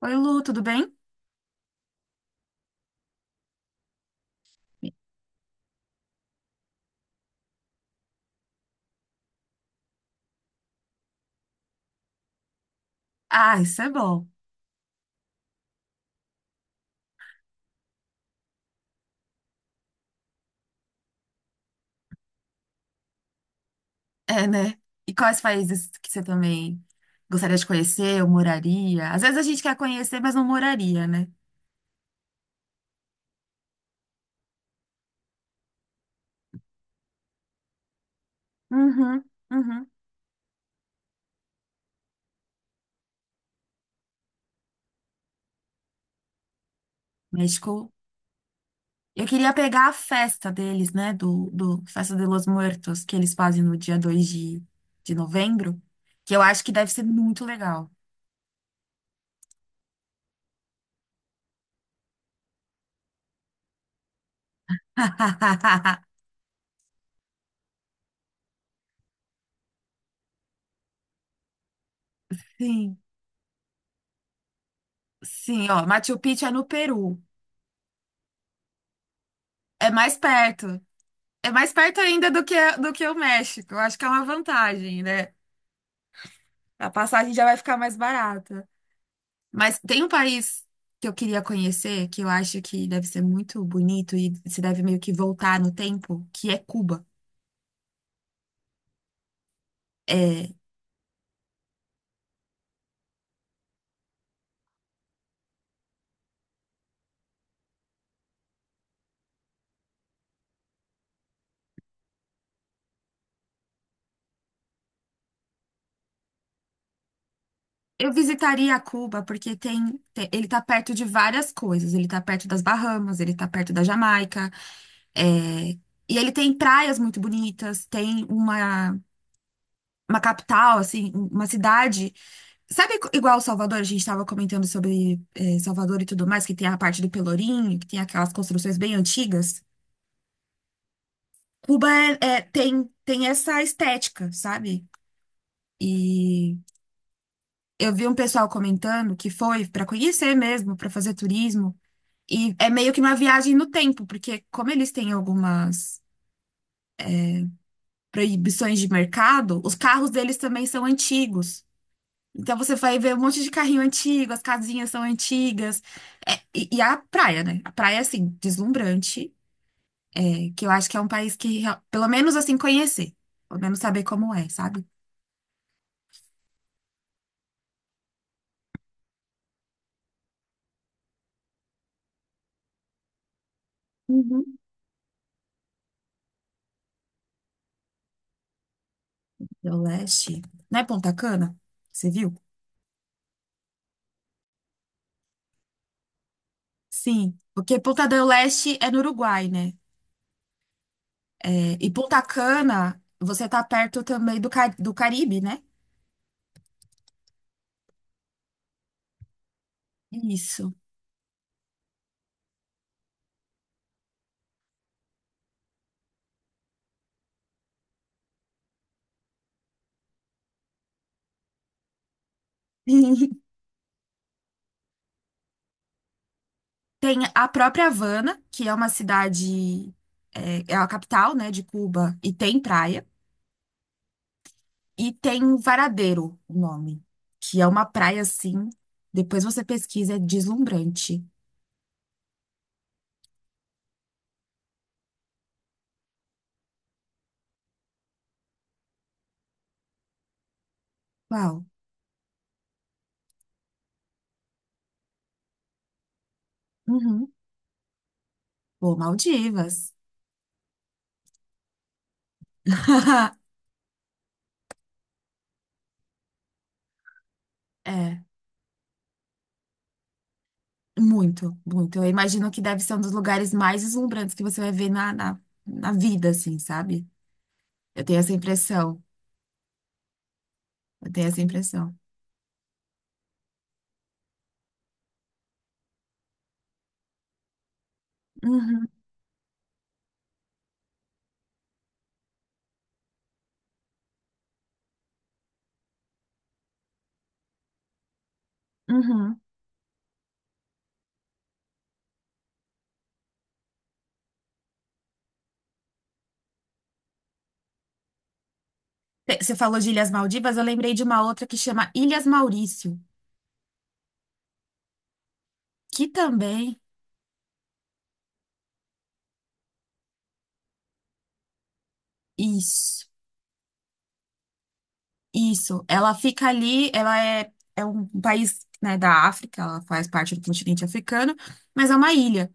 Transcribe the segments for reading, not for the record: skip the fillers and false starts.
Oi, Lu, tudo bem? Ah, isso é bom. É, né? E quais países que você também gostaria de conhecer ou moraria? Às vezes a gente quer conhecer, mas não moraria, né? Uhum, uhum. México. Eu queria pegar a festa deles, né? Do Festa de los Muertos, que eles fazem no dia 2 de novembro, que eu acho que deve ser muito legal. Sim, sim, ó. Machu Picchu é no Peru. É mais perto. É mais perto ainda do que o México. Eu acho que é uma vantagem, né? A passagem já vai ficar mais barata. Mas tem um país que eu queria conhecer, que eu acho que deve ser muito bonito e se deve meio que voltar no tempo, que é Cuba. É, eu visitaria Cuba porque ele tá perto de várias coisas. Ele tá perto das Bahamas, ele tá perto da Jamaica, é, e ele tem praias muito bonitas, tem uma capital, assim, uma cidade. Sabe igual Salvador, a gente estava comentando sobre Salvador e tudo mais, que tem a parte do Pelourinho, que tem aquelas construções bem antigas. Cuba tem essa estética, sabe? E eu vi um pessoal comentando que foi para conhecer mesmo, para fazer turismo. E é meio que uma viagem no tempo, porque como eles têm algumas proibições de mercado, os carros deles também são antigos. Então você vai ver um monte de carrinho antigo, as casinhas são antigas. É, e a praia, né? A praia, assim, deslumbrante, é, que eu acho que é um país que, real- pelo menos assim, conhecer. Pelo menos saber como é, sabe? Uhum. Del Leste. Não é Ponta Cana? Você viu? Sim. Porque Ponta del Leste é no Uruguai, né? É, e Ponta Cana, você tá perto também do Caribe, né? Isso. Tem a própria Havana, que é uma cidade, é a capital, né, de Cuba, e tem praia. E tem um Varadeiro, o nome, que é uma praia assim. Depois você pesquisa, é deslumbrante. Uau. Uhum. Pô, Maldivas. É, muito, muito. Eu imagino que deve ser um dos lugares mais deslumbrantes que você vai ver na vida, assim, sabe? Eu tenho essa impressão. Eu tenho essa impressão. Uhum, uhum. Você falou de Ilhas Maldivas, eu lembrei de uma outra que chama Ilhas Maurício, que também. Isso, isso. Ela fica ali, ela é um país, né, da África, ela faz parte do continente africano, mas é uma ilha.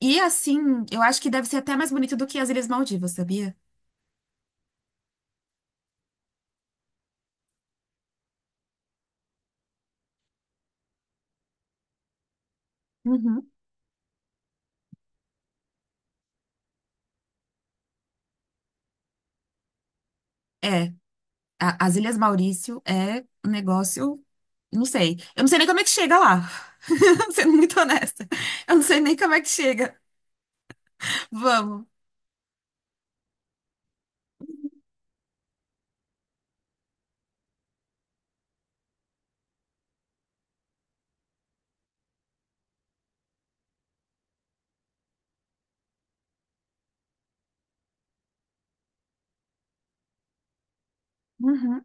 E assim, eu acho que deve ser até mais bonito do que as Ilhas Maldivas, sabia? Uhum. É, as Ilhas Maurício é um negócio, não sei. Eu não sei nem como é que chega lá, sendo muito honesta. Eu não sei nem como é que chega. Vamos. Uhum.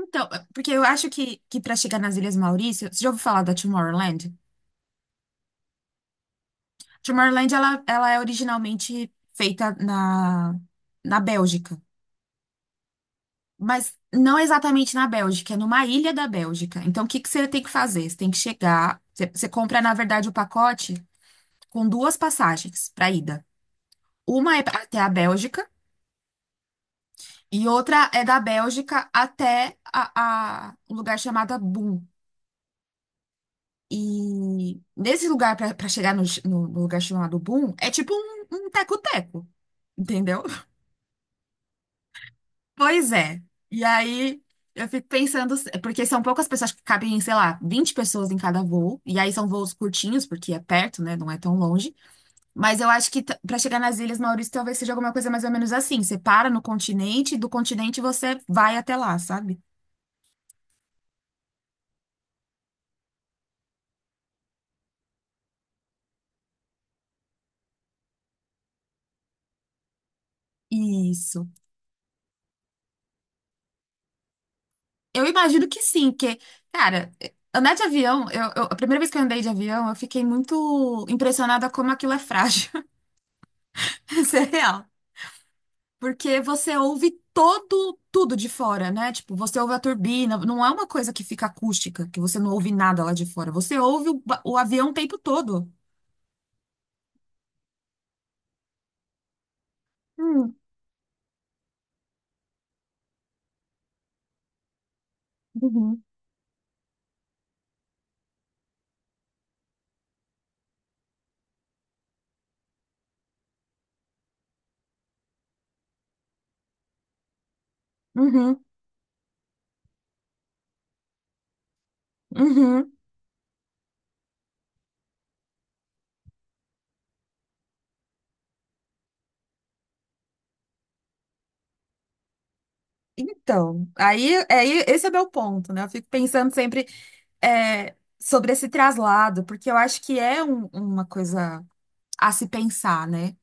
Então, porque eu acho que para chegar nas Ilhas Maurício, você já ouviu falar da Tomorrowland? Tomorrowland, ela é originalmente feita na Bélgica, mas não exatamente na Bélgica, é numa ilha da Bélgica. Então, o que que você tem que fazer? Você tem que chegar, você, você compra, na verdade, o pacote com duas passagens para ida. Uma é até a Bélgica e outra é da Bélgica até um lugar chamado Boom. E nesse lugar, pra chegar no lugar chamado Boom, é tipo um teco-teco, entendeu? Pois é. E aí eu fico pensando, porque são poucas pessoas que cabem, sei lá, 20 pessoas em cada voo, e aí são voos curtinhos, porque é perto, né? Não é tão longe. Mas eu acho que t- pra chegar nas Ilhas Maurício talvez seja alguma coisa mais ou menos assim. Você para no continente, do continente você vai até lá, sabe? Isso. Eu imagino que sim, porque, cara, andar de avião, eu, a primeira vez que eu andei de avião, eu fiquei muito impressionada como aquilo é frágil. Isso é real. Porque você ouve todo, tudo de fora, né? Tipo, você ouve a turbina, não é uma coisa que fica acústica, que você não ouve nada lá de fora. Você ouve o, o avião o tempo todo. Hum, uhum, uhum, uhum. Então, aí esse é meu ponto, né? Eu fico pensando sempre sobre esse traslado, porque eu acho que é uma coisa a se pensar, né?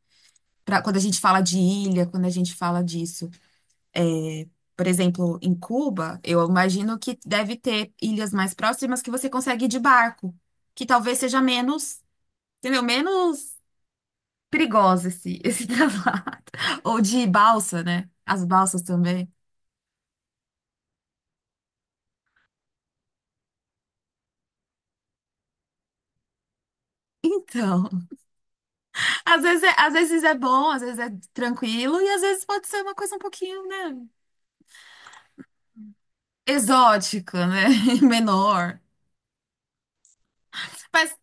Pra, quando a gente fala de ilha, quando a gente fala disso. É, por exemplo, em Cuba, eu imagino que deve ter ilhas mais próximas que você consegue ir de barco, que talvez seja menos, entendeu? Menos perigosa esse, esse traslado. Ou de balsa, né? As balsas também. Então, às vezes é bom, às vezes é tranquilo, e às vezes pode ser uma coisa um pouquinho, né? Exótica, né? Menor. Mas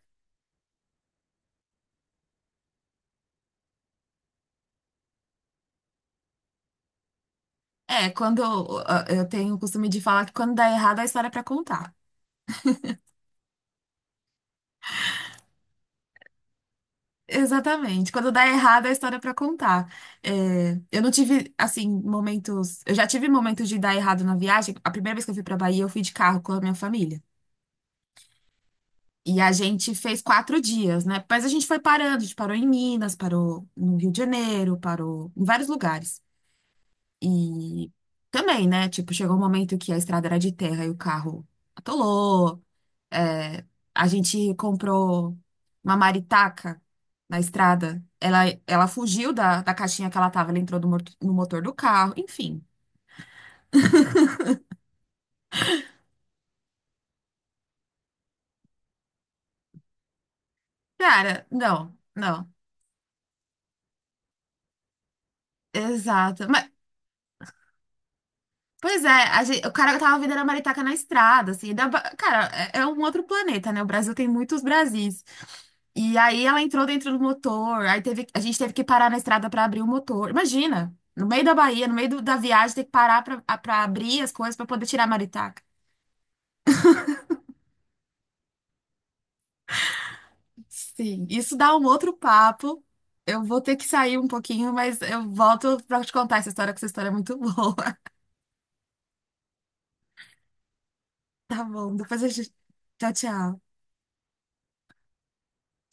é, quando eu tenho o costume de falar que quando dá errado, a história é pra contar. Exatamente. Quando dá errado, a história é pra contar. É, eu não tive, assim, momentos. Eu já tive momentos de dar errado na viagem. A primeira vez que eu fui pra Bahia, eu fui de carro com a minha família. E a gente fez 4 dias, né? Mas a gente foi parando. A gente parou em Minas, parou no Rio de Janeiro, parou em vários lugares. E também, né? Tipo, chegou um momento que a estrada era de terra e o carro atolou. É, a gente comprou uma maritaca na estrada. Ela fugiu da caixinha que ela tava, ela entrou no motor do carro, enfim. Cara, não, não. Exato. Mas, pois é, o cara tava vendendo a maritaca na estrada, assim. Cara, é, um outro planeta, né? O Brasil tem muitos Brasis. E aí ela entrou dentro do motor, aí teve, a gente teve que parar na estrada pra abrir o motor. Imagina, no meio da Bahia, no meio da viagem, ter que parar pra abrir as coisas pra poder tirar a maritaca. Sim, isso dá um outro papo. Eu vou ter que sair um pouquinho, mas eu volto pra te contar essa história, que essa história é muito boa. Tá bom, depois a gente. Tchau, tchau.